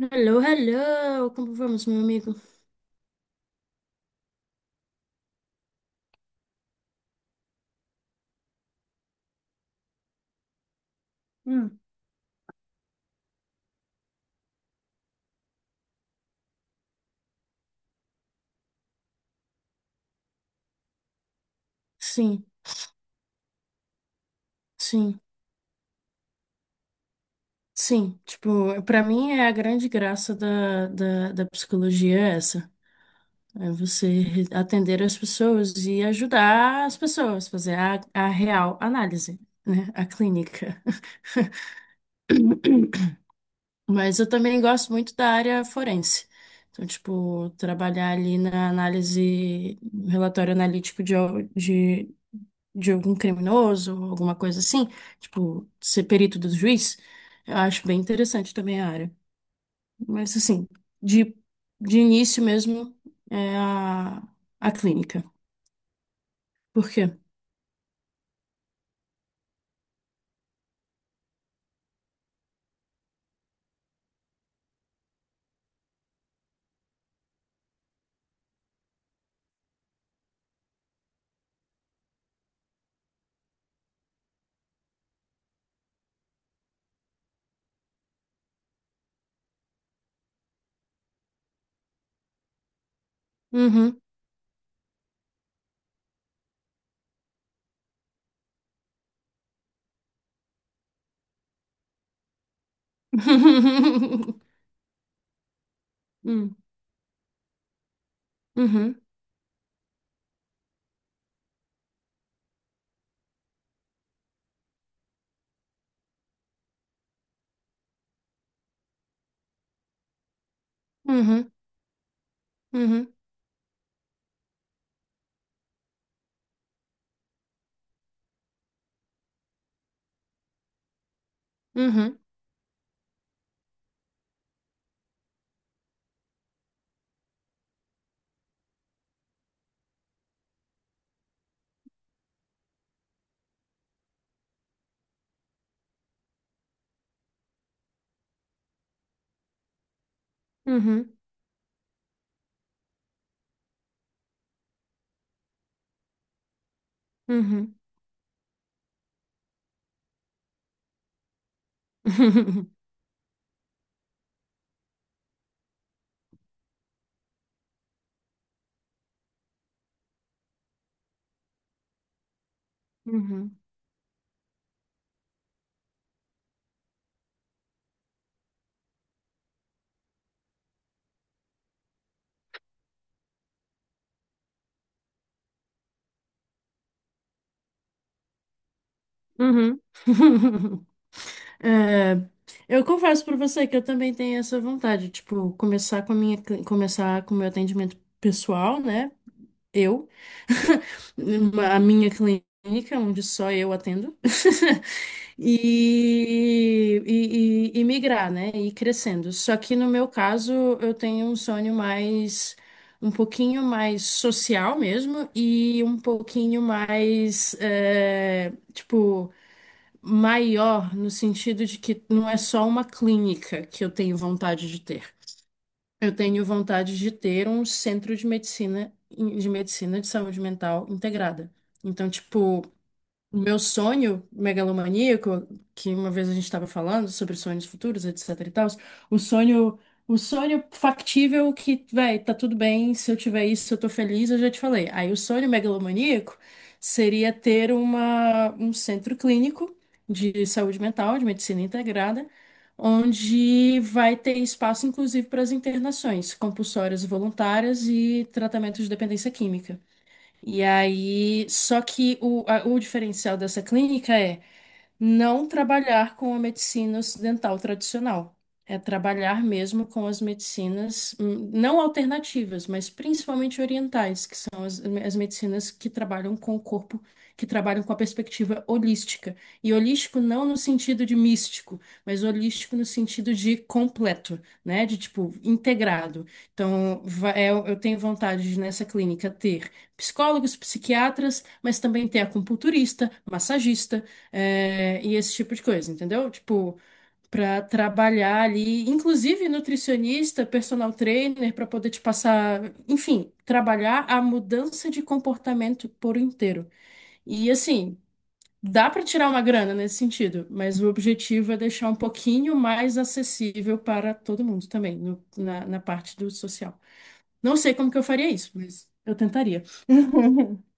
Hello, hello! Como vamos, meu amigo? Hum. Sim, sim, sim, Pra mim é a grande graça da psicologia é essa. É você atender as pessoas e ajudar as pessoas, fazer a real análise, né? A clínica. Mas eu também gosto muito da área forense. Então, tipo, trabalhar ali na análise, relatório analítico de algum criminoso, alguma coisa assim, tipo, ser perito do juiz, eu acho bem interessante também a área. Mas, assim, de, de início mesmo é a clínica. Por quê? Uhum. Hum. Uhum. Uhum. Uhum. Uhum. Uhum. Uhum. Uhum. Uhum. É, eu confesso pra você que eu também tenho essa vontade, tipo, começar com a começar com o meu atendimento pessoal, né? Eu, a minha clínica, onde só eu atendo, e migrar, né? E ir crescendo. Só que no meu caso, eu tenho um sonho mais, um pouquinho mais social mesmo, e um pouquinho mais, tipo maior no sentido de que não é só uma clínica que eu tenho vontade de ter. Eu tenho vontade de ter um centro de medicina de medicina de saúde mental integrada. Então, tipo, o meu sonho megalomaníaco, que uma vez a gente estava falando sobre sonhos futuros, etc e tal, o sonho, o sonho factível que, véi, tá tudo bem, se eu tiver isso, eu tô feliz, eu já te falei. Aí o sonho megalomaníaco seria ter um centro clínico de saúde mental, de medicina integrada, onde vai ter espaço, inclusive, para as internações compulsórias e voluntárias e tratamento de dependência química. E aí, só que o diferencial dessa clínica é não trabalhar com a medicina ocidental tradicional. É trabalhar mesmo com as medicinas, não alternativas, mas principalmente orientais, que são as medicinas que trabalham com o corpo, que trabalham com a perspectiva holística. E holístico não no sentido de místico, mas holístico no sentido de completo, né? De tipo, integrado. Então, eu tenho vontade de, nessa clínica ter psicólogos, psiquiatras, mas também ter acupunturista, massagista e esse tipo de coisa, entendeu? Tipo, para trabalhar ali, inclusive nutricionista, personal trainer, para poder te passar, enfim, trabalhar a mudança de comportamento por inteiro. E assim, dá para tirar uma grana nesse sentido, mas o objetivo é deixar um pouquinho mais acessível para todo mundo também, na parte do social. Não sei como que eu faria isso, mas eu tentaria.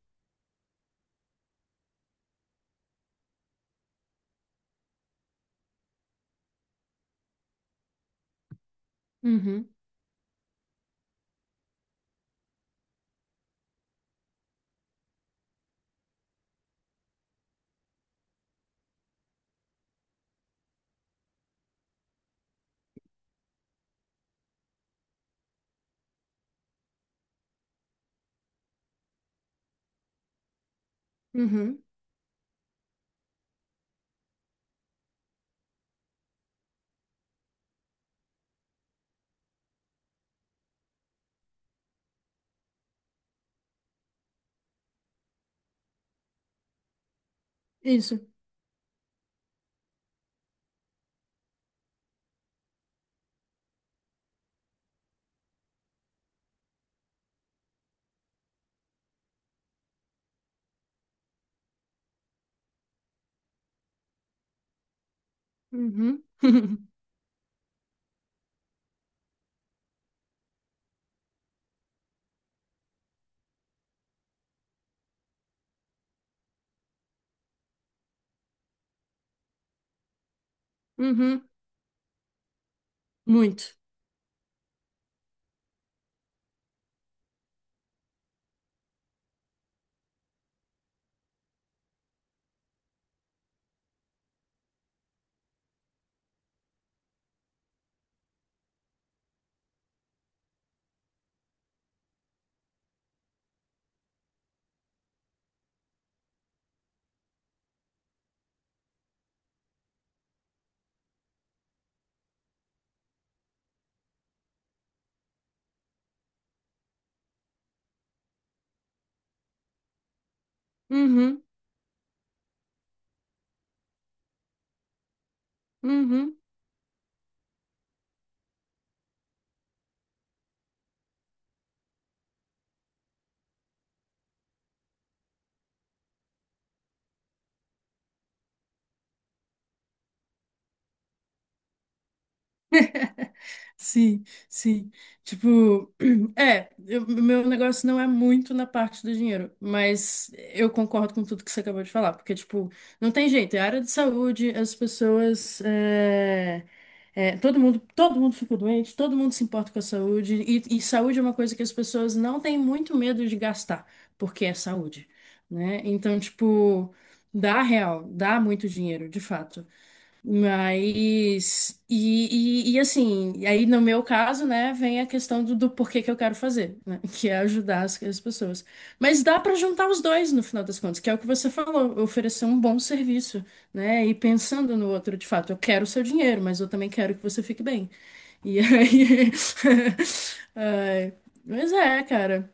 Uhum, uhum, isso. Uhum, uhum, muito. Uhum, uhum. Sim, sim. Tipo, meu negócio não é muito na parte do dinheiro, mas eu concordo com tudo que você acabou de falar, porque, tipo, não tem jeito, é área de saúde, as pessoas, é, é, todo mundo fica doente, todo mundo se importa com a saúde, e saúde é uma coisa que as pessoas não têm muito medo de gastar, porque é saúde, né? Então, tipo, dá real, dá muito dinheiro, de fato. E aí no meu caso, né, vem a questão do porquê que eu quero fazer, né, que é ajudar as pessoas. Mas dá para juntar os dois no final das contas, que é o que você falou, oferecer um bom serviço, né, e pensando no outro de fato, eu quero o seu dinheiro, mas eu também quero que você fique bem. E aí. Ai, mas é, cara.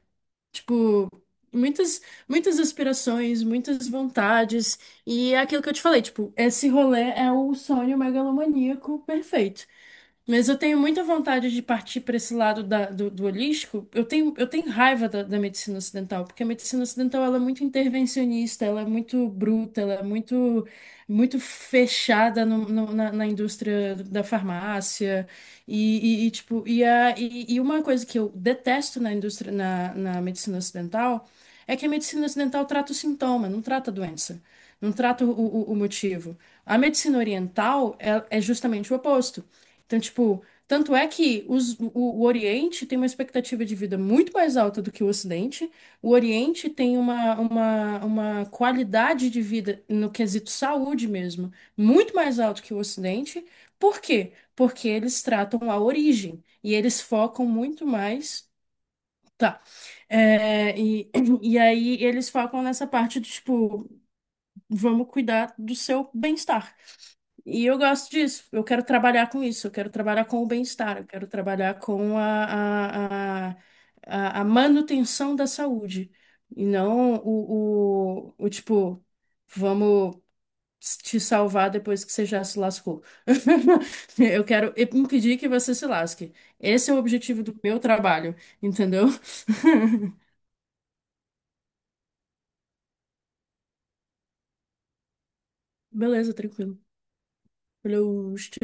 Tipo, muitas, muitas aspirações, muitas vontades. E é aquilo que eu te falei, tipo, esse rolê é o sonho megalomaníaco perfeito. Mas eu tenho muita vontade de partir para esse lado do holístico. Eu tenho raiva da medicina ocidental, porque a medicina ocidental ela é muito intervencionista, ela é muito bruta, ela é muito fechada na indústria da farmácia. E uma coisa que eu detesto na indústria, na medicina ocidental, é que a medicina ocidental trata o sintoma, não trata a doença, não trata o motivo. A medicina oriental é justamente o oposto. Então, tipo, tanto é que o Oriente tem uma expectativa de vida muito mais alta do que o Ocidente. O Oriente tem uma qualidade de vida, no quesito saúde mesmo, muito mais alto que o Ocidente. Por quê? Porque eles tratam a origem e eles focam muito mais. Tá. É, e, e aí eles focam nessa parte de, tipo, vamos cuidar do seu bem-estar. E eu gosto disso. Eu quero trabalhar com isso. Eu quero trabalhar com o bem-estar. Eu quero trabalhar com a manutenção da saúde. E não o tipo, vamos te salvar depois que você já se lascou. Eu quero impedir que você se lasque. Esse é o objetivo do meu trabalho, entendeu? Beleza, tranquilo. Valeu.